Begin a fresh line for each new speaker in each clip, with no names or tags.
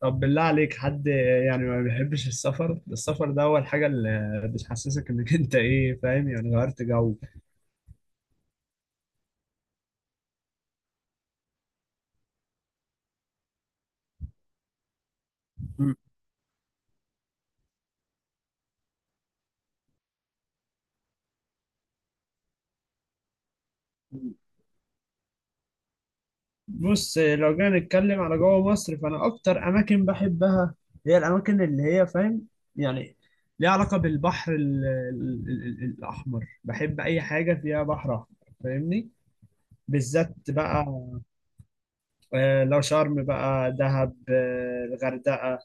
طب بالله عليك، حد يعني ما بيحبش السفر؟ السفر ده هو الحاجة اللي بتحسسك انك انت، ايه، فاهم؟ يعني غيرت جو. مم. بص، لو جينا نتكلم على جوه مصر، فانا اكتر اماكن بحبها هي الاماكن اللي هي، فاهم، يعني ليها علاقة بالبحر ال ال ال ال الاحمر. بحب اي حاجة فيها بحر احمر، فاهمني؟ بالذات بقى. لو شرم، بقى دهب، الغردقة،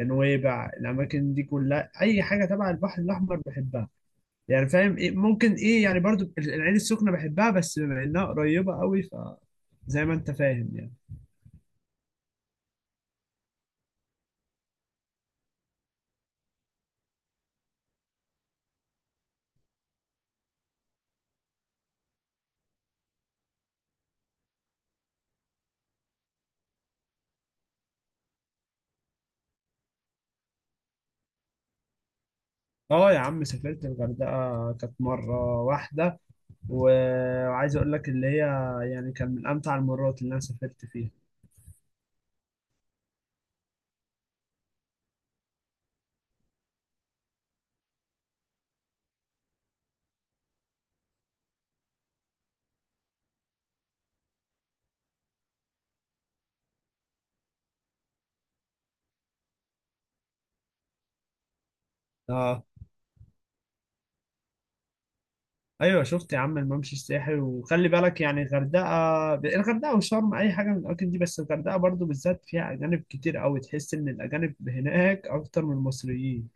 نويبع، الاماكن دي كلها اي حاجة تبع البحر الاحمر بحبها. يعني فاهم إيه؟ ممكن ايه يعني، برضو العين السخنة بحبها، بس بما انها قريبة قوي ف، زي ما انت فاهم يعني. اه يا عم، سافرت الغردقة كانت مرة واحدة، وعايز اقول لك اللي هي، يعني كان من امتع المرات اللي انا سافرت فيها. اه، ايوه، شفت يا عم الممشى السياحي، وخلي بالك يعني، الغردقة وشرم اي حاجة من الاماكن دي، بس الغردقة برضو بالذات فيها اجانب كتير قوي، تحس ان الاجانب هناك اكتر من المصريين.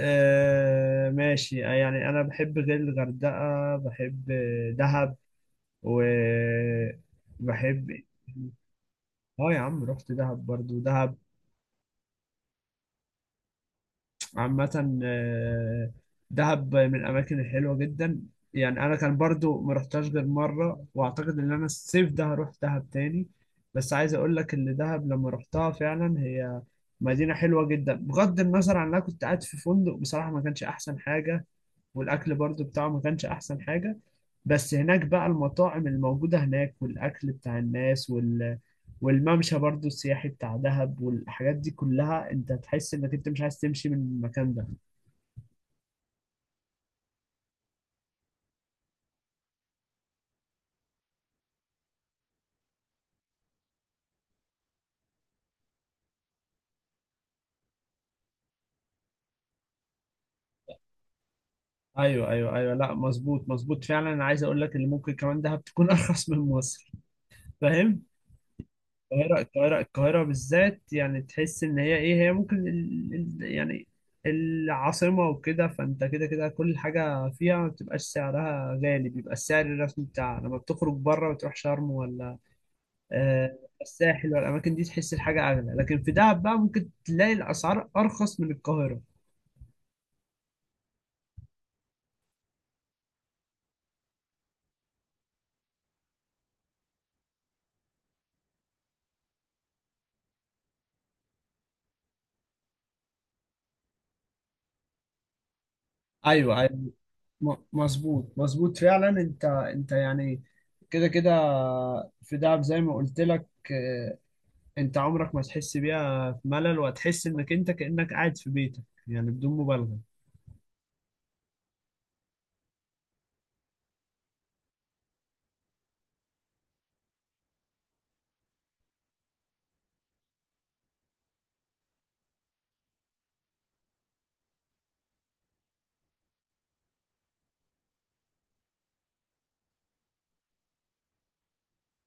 آه، ماشي، يعني أنا بحب غير الغردقة، بحب دهب، و بحب. اه يا عم، رحت دهب، برضو دهب. عامة، دهب من الأماكن الحلوة جدا. يعني أنا كان برضو ما رحتهاش غير مرة، وأعتقد إن أنا الصيف ده هروح دهب تاني. بس عايز أقول لك إن دهب لما رحتها فعلا، هي مدينة حلوة جدا، بغض النظر عن إن أنا كنت قاعد في فندق بصراحة ما كانش أحسن حاجة، والاكل برضو بتاعه ما كانش احسن حاجه. بس هناك بقى المطاعم الموجوده هناك، والاكل بتاع الناس، وال، والممشى برضو السياحي بتاع دهب والحاجات دي كلها، انت تحس انك انت مش عايز تمشي من المكان ده. ايوه، ايوه، ايوه، لا مظبوط، مظبوط فعلا. انا عايز اقول لك ان ممكن كمان دهب تكون ارخص من مصر، فاهم؟ القاهرة، القاهرة، القاهرة بالذات يعني، تحس إن هي إيه، هي ممكن يعني العاصمة، وكده، فأنت كده كده كل حاجة فيها ما بتبقاش سعرها غالي، بيبقى السعر الرسمي بتاعها. لما بتخرج بره وتروح شرم، ولا الساحل، ولا الأماكن دي، تحس الحاجة أغلى. لكن في دهب بقى ممكن تلاقي الأسعار أرخص من القاهرة. أيوه، أيوه، مظبوط، مظبوط فعلا. أنت يعني، كده كده، في دهب زي ما قلت لك، انت عمرك ما تحس بيها في ملل، وهتحس انك انت كأنك قاعد في بيتك، يعني بدون مبالغة.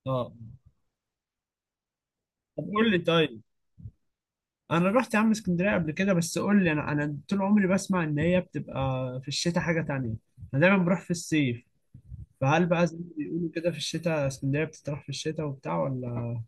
اه، طب قول لي طيب. انا رحت يا عم اسكندرية قبل كده، بس قول لي، انا طول عمري بسمع ان هي بتبقى في الشتاء حاجة تانية، انا دايما بروح في الصيف. فهل بقى زي ما بيقولوا كده، في الشتاء اسكندرية بتتراح في الشتاء وبتاع، ولا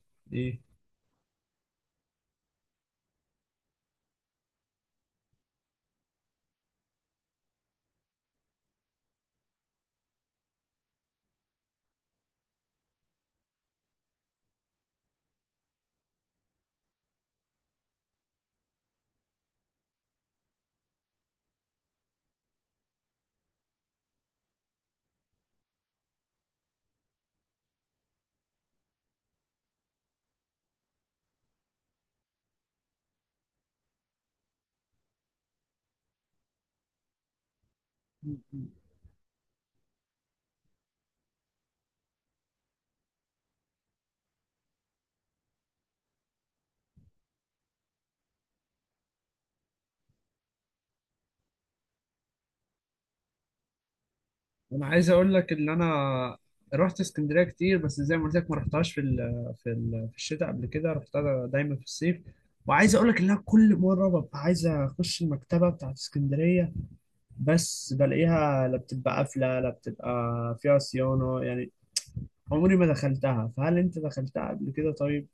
ايه؟ انا عايز اقول لك ان انا رحت اسكندريه كتير، بس زي ما قلت لك ما رحتهاش في الشتاء. قبل كده رحتها دايما في الصيف. وعايز اقول لك ان انا كل مره ببقى عايز اخش المكتبه بتاعت اسكندريه، بس بلاقيها لا بتبقى قافله، لا بتبقى فيها صيانه يعني، عمري ما دخلتها. فهل انت دخلتها قبل كده طيب؟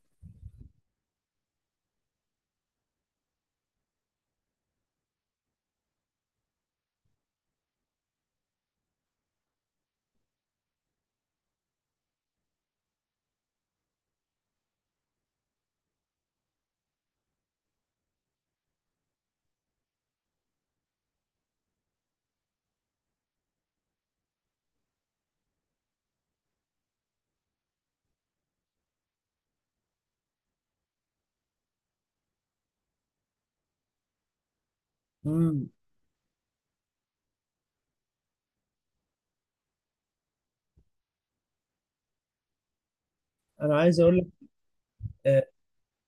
امم انا عايز اقول لك. آه،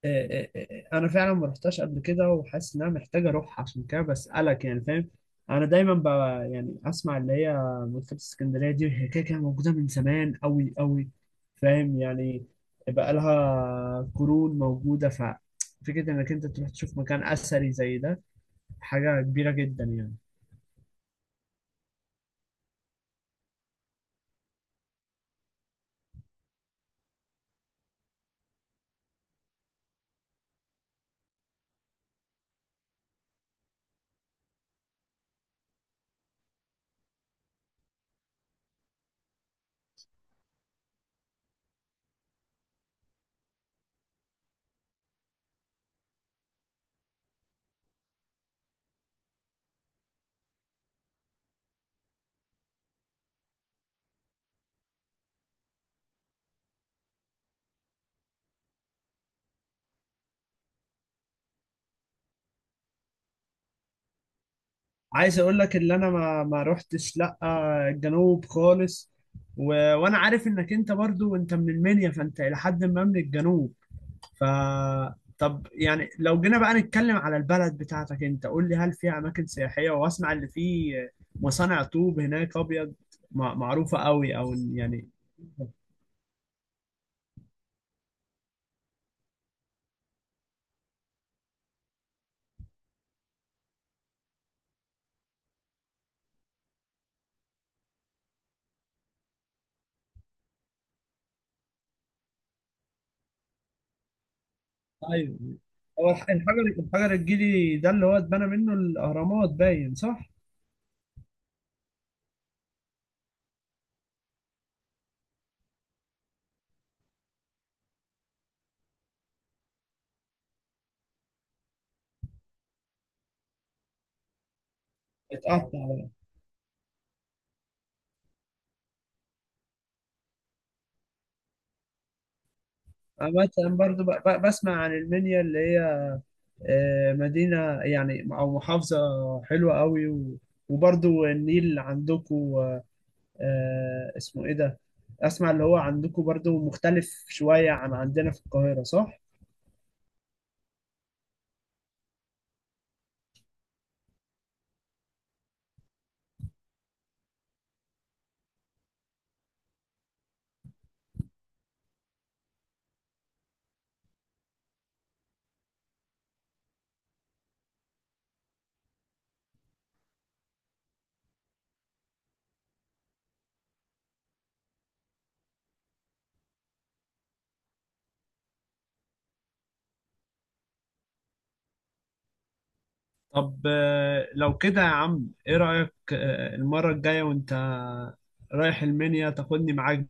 آه، انا فعلا ما رحتش قبل كده، وحاسس ان انا محتاج اروح، عشان كده بسالك يعني، فاهم؟ انا دايما ب، يعني اسمع اللي هي مكتبه اسكندريه دي، هي كده كده موجوده من زمان قوي قوي، فاهم يعني؟ بقى لها قرون موجوده، ففكره انك انت تروح تشوف مكان اثري زي ده حاجه كبيره جدا يعني. عايز اقول لك اللي انا ما رحتش لا الجنوب خالص، و... وانا عارف انك انت برضو انت من المنيا، فانت الى حد ما من الجنوب. ف، طب يعني لو جينا بقى نتكلم على البلد بتاعتك، انت قول لي هل فيها اماكن سياحية؟ واسمع اللي فيه مصانع طوب هناك ابيض، معروفة قوي، او يعني. ايوه، هو الحجر الجيلي ده اللي هو اتبنى منه الاهرامات، باين صح؟ اتقطع. أنا مثلا برضو بسمع عن المنيا اللي هي مدينة، يعني أو محافظة حلوة قوي، و- وبرضو النيل عندكم. اسمه ايه ده، اسمع اللي هو عندكم برضو مختلف شوية عن عندنا في القاهرة، صح؟ طب لو كده يا عم، ايه رأيك المرة الجاية وانت رايح المنيا تاخدني معاك؟